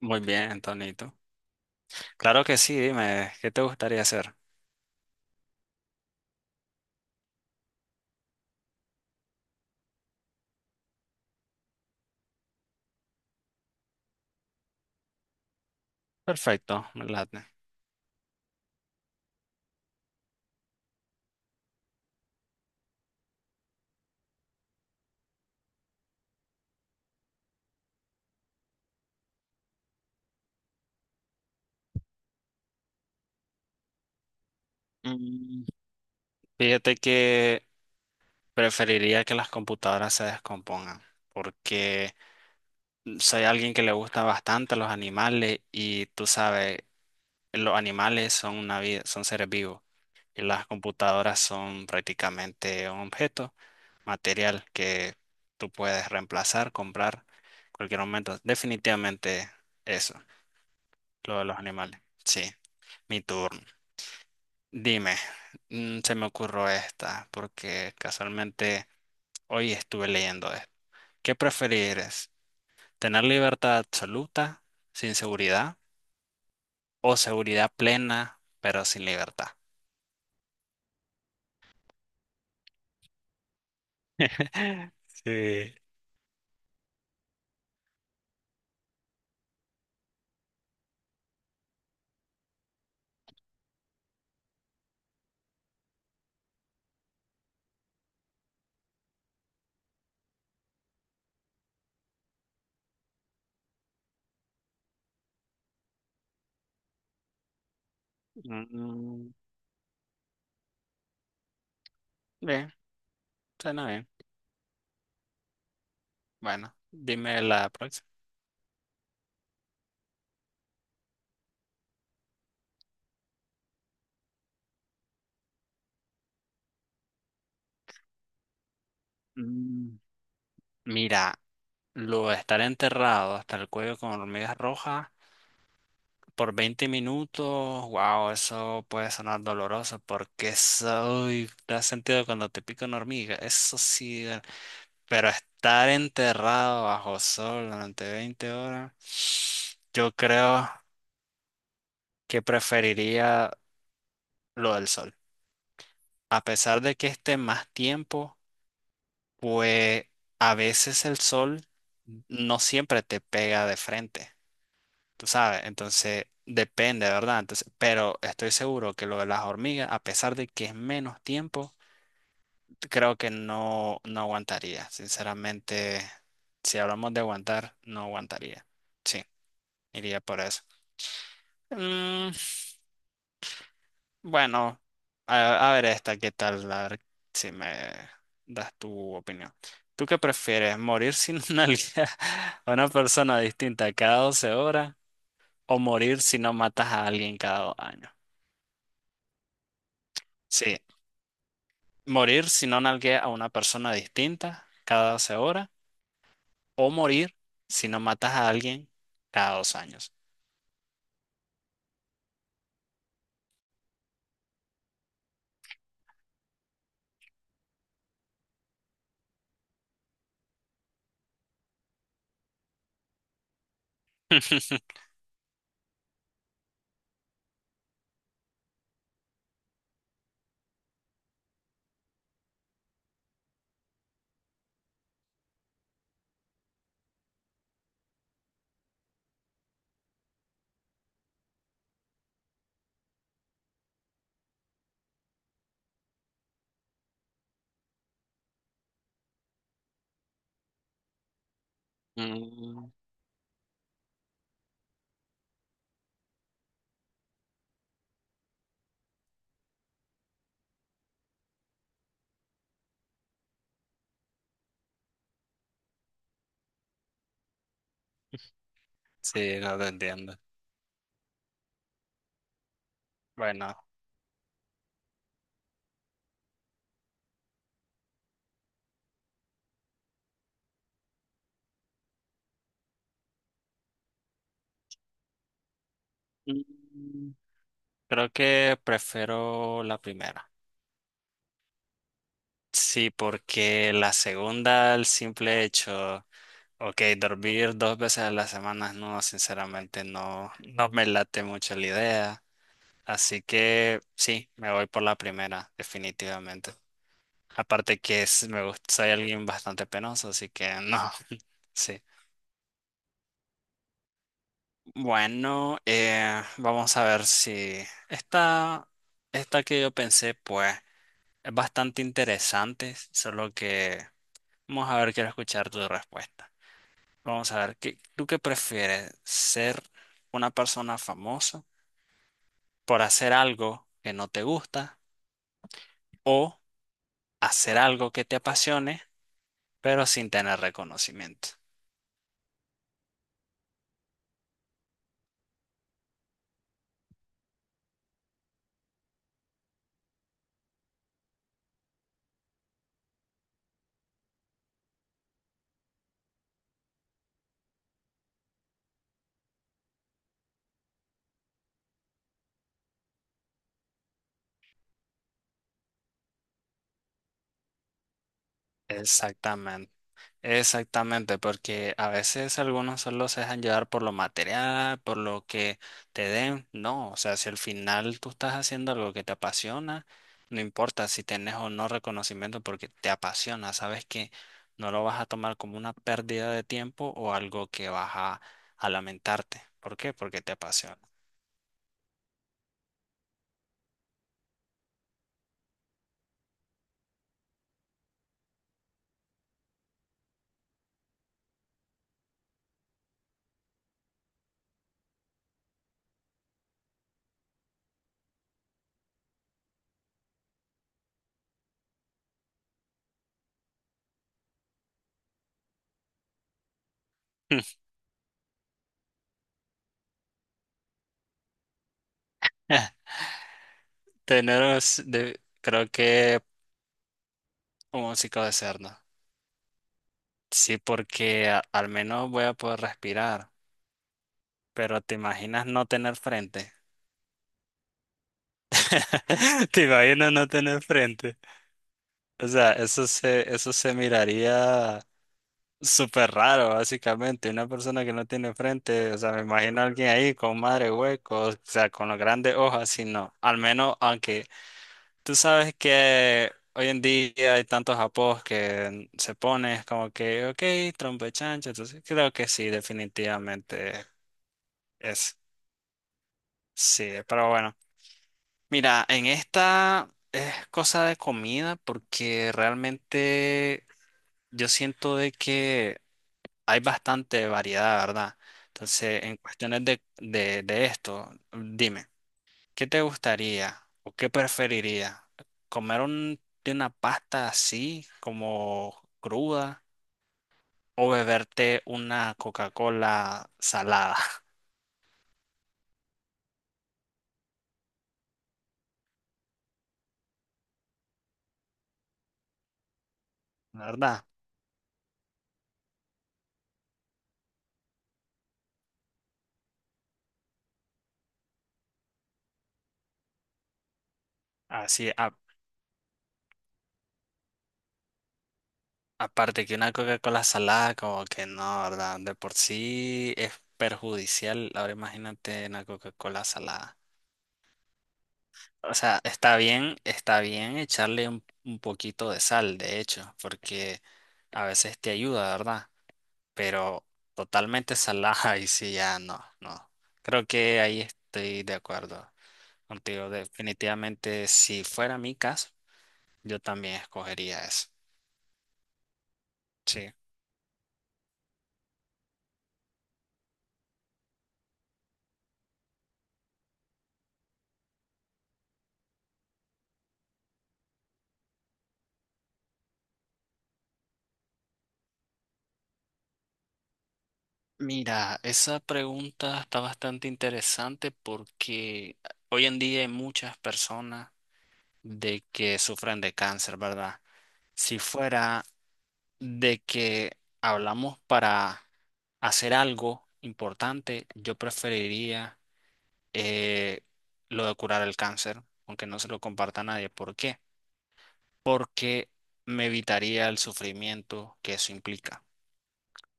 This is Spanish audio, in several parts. Muy bien, Tonito. Claro que sí, dime, ¿qué te gustaría hacer? Perfecto, me late. Mm, Fíjate que preferiría que las computadoras se descompongan, porque soy alguien que le gusta bastante los animales y tú sabes, los animales son una vida, son seres vivos y las computadoras son prácticamente un objeto material que tú puedes reemplazar, comprar en cualquier momento. Definitivamente eso, lo de los animales. Sí. Mi turno. Dime, se me ocurrió esta porque casualmente hoy estuve leyendo esto. ¿Qué preferirías? ¿Tener libertad absoluta sin seguridad o seguridad plena pero sin libertad? Sí. Mm, Bien, suena bien. Bueno, dime la próxima. Mm, Mira, lo de estar enterrado hasta el cuello con hormigas rojas por 20 minutos, wow, eso puede sonar doloroso porque eso, uy, ¿te has sentido cuando te pica una hormiga? Eso sí. Pero estar enterrado bajo sol durante 20 horas, yo creo que preferiría lo del sol. A pesar de que esté más tiempo, pues a veces el sol no siempre te pega de frente. Tú sabes, entonces depende, ¿verdad? Entonces, pero estoy seguro que lo de las hormigas, a pesar de que es menos tiempo, creo que no, no aguantaría. Sinceramente, si hablamos de aguantar, no aguantaría. Sí, iría por eso. Mm, bueno, a ver esta, ¿qué tal? A ver si me das tu opinión. ¿Tú qué prefieres, morir sin una a una persona distinta cada 12 horas o morir si no matas a alguien cada 2 años? Sí, morir si no nalgueas a una persona distinta cada 12 horas. O morir si no matas a alguien cada dos años. Mm, sí, no te entiendo. Bueno, mm, creo que prefiero la primera. Sí, porque la segunda, el simple hecho, ok, dormir dos veces a la semana, no, sinceramente no, no me late mucho la idea. Así que sí, me voy por la primera, definitivamente. Aparte que es, me gusta, soy alguien bastante penoso, así que no. Sí. Bueno, vamos a ver si esta, esta que yo pensé, pues, es bastante interesante, solo que vamos a ver, quiero escuchar tu respuesta. Vamos a ver, ¿ tú qué prefieres? ¿Ser una persona famosa por hacer algo que no te gusta o hacer algo que te apasione, pero sin tener reconocimiento? Exactamente. Exactamente, porque a veces algunos solo se dejan llevar por lo material, por lo que te den. No, o sea, si al final tú estás haciendo algo que te apasiona, no importa si tienes o no reconocimiento porque te apasiona, sabes que no lo vas a tomar como una pérdida de tiempo o algo que vas a lamentarte. ¿Por qué? Porque te apasiona. Tenemos, creo que un músico de cerdo. Sí, porque al menos voy a poder respirar. Pero te imaginas no tener frente. Te imaginas no tener frente. O sea, eso se miraría súper raro, básicamente. Una persona que no tiene frente, o sea, me imagino a alguien ahí con madre huecos, o sea, con las grandes hojas, y no. Al menos, aunque tú sabes que hoy en día hay tantos apos que se pone como que, ok, trompo de chancho. Entonces, creo que sí, definitivamente es. Sí, pero bueno. Mira, en esta es cosa de comida porque realmente yo siento de que hay bastante variedad, ¿verdad? Entonces, en cuestiones de esto, dime, ¿qué te gustaría o qué preferiría? ¿Comer de una pasta así como cruda o beberte una Coca-Cola salada, ¿verdad? Así, aparte que una Coca-Cola salada, como que no, ¿verdad? De por sí es perjudicial. Ahora imagínate una Coca-Cola salada. O sea, está bien echarle un poquito de sal, de hecho, porque a veces te ayuda, ¿verdad? Pero totalmente salada y sí, ya no, no. Creo que ahí estoy de acuerdo contigo. Definitivamente, si fuera mi caso, yo también escogería eso. Sí. Mira, esa pregunta está bastante interesante porque hoy en día hay muchas personas de que sufren de cáncer, ¿verdad? Si fuera de que hablamos para hacer algo importante, yo preferiría eh, lo de curar el cáncer, aunque no se lo comparta a nadie. ¿Por qué? Porque me evitaría el sufrimiento que eso implica.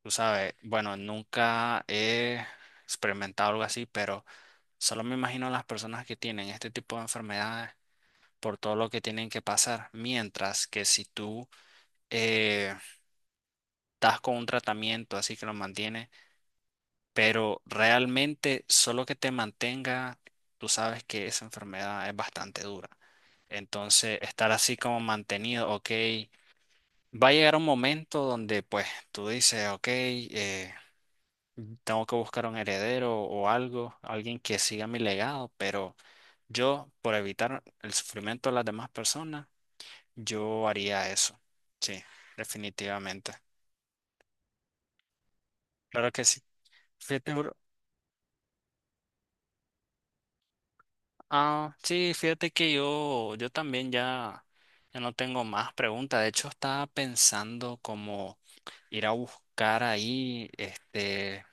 Tú sabes, bueno, nunca he experimentado algo así, pero solo me imagino las personas que tienen este tipo de enfermedades por todo lo que tienen que pasar, mientras que si tú eh, estás con un tratamiento así que lo mantiene, pero realmente solo que te mantenga, tú sabes que esa enfermedad es bastante dura. Entonces, estar así como mantenido, ok, va a llegar un momento donde pues tú dices, ok, tengo que buscar un heredero o algo, alguien que siga mi legado, pero... Yo, por evitar el sufrimiento de las demás personas, yo haría eso. Sí, definitivamente. Claro que sí. Fíjate, bro. Ah, sí, fíjate que yo también ya no tengo más preguntas. De hecho, estaba pensando como ir a buscar ahí, este,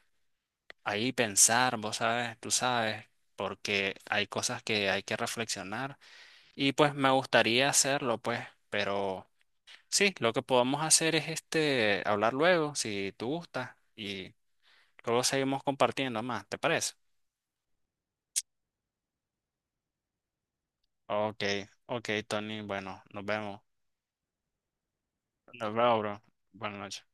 ahí pensar, vos sabes, tú sabes, porque hay cosas que hay que reflexionar. Y pues me gustaría hacerlo, pues, pero. Sí, lo que podemos hacer es este, hablar luego, si tú gustas, y luego seguimos compartiendo más, ¿te parece? Ok, ok, Tony, bueno, nos vemos. Nos vemos, bro. Buenas noches.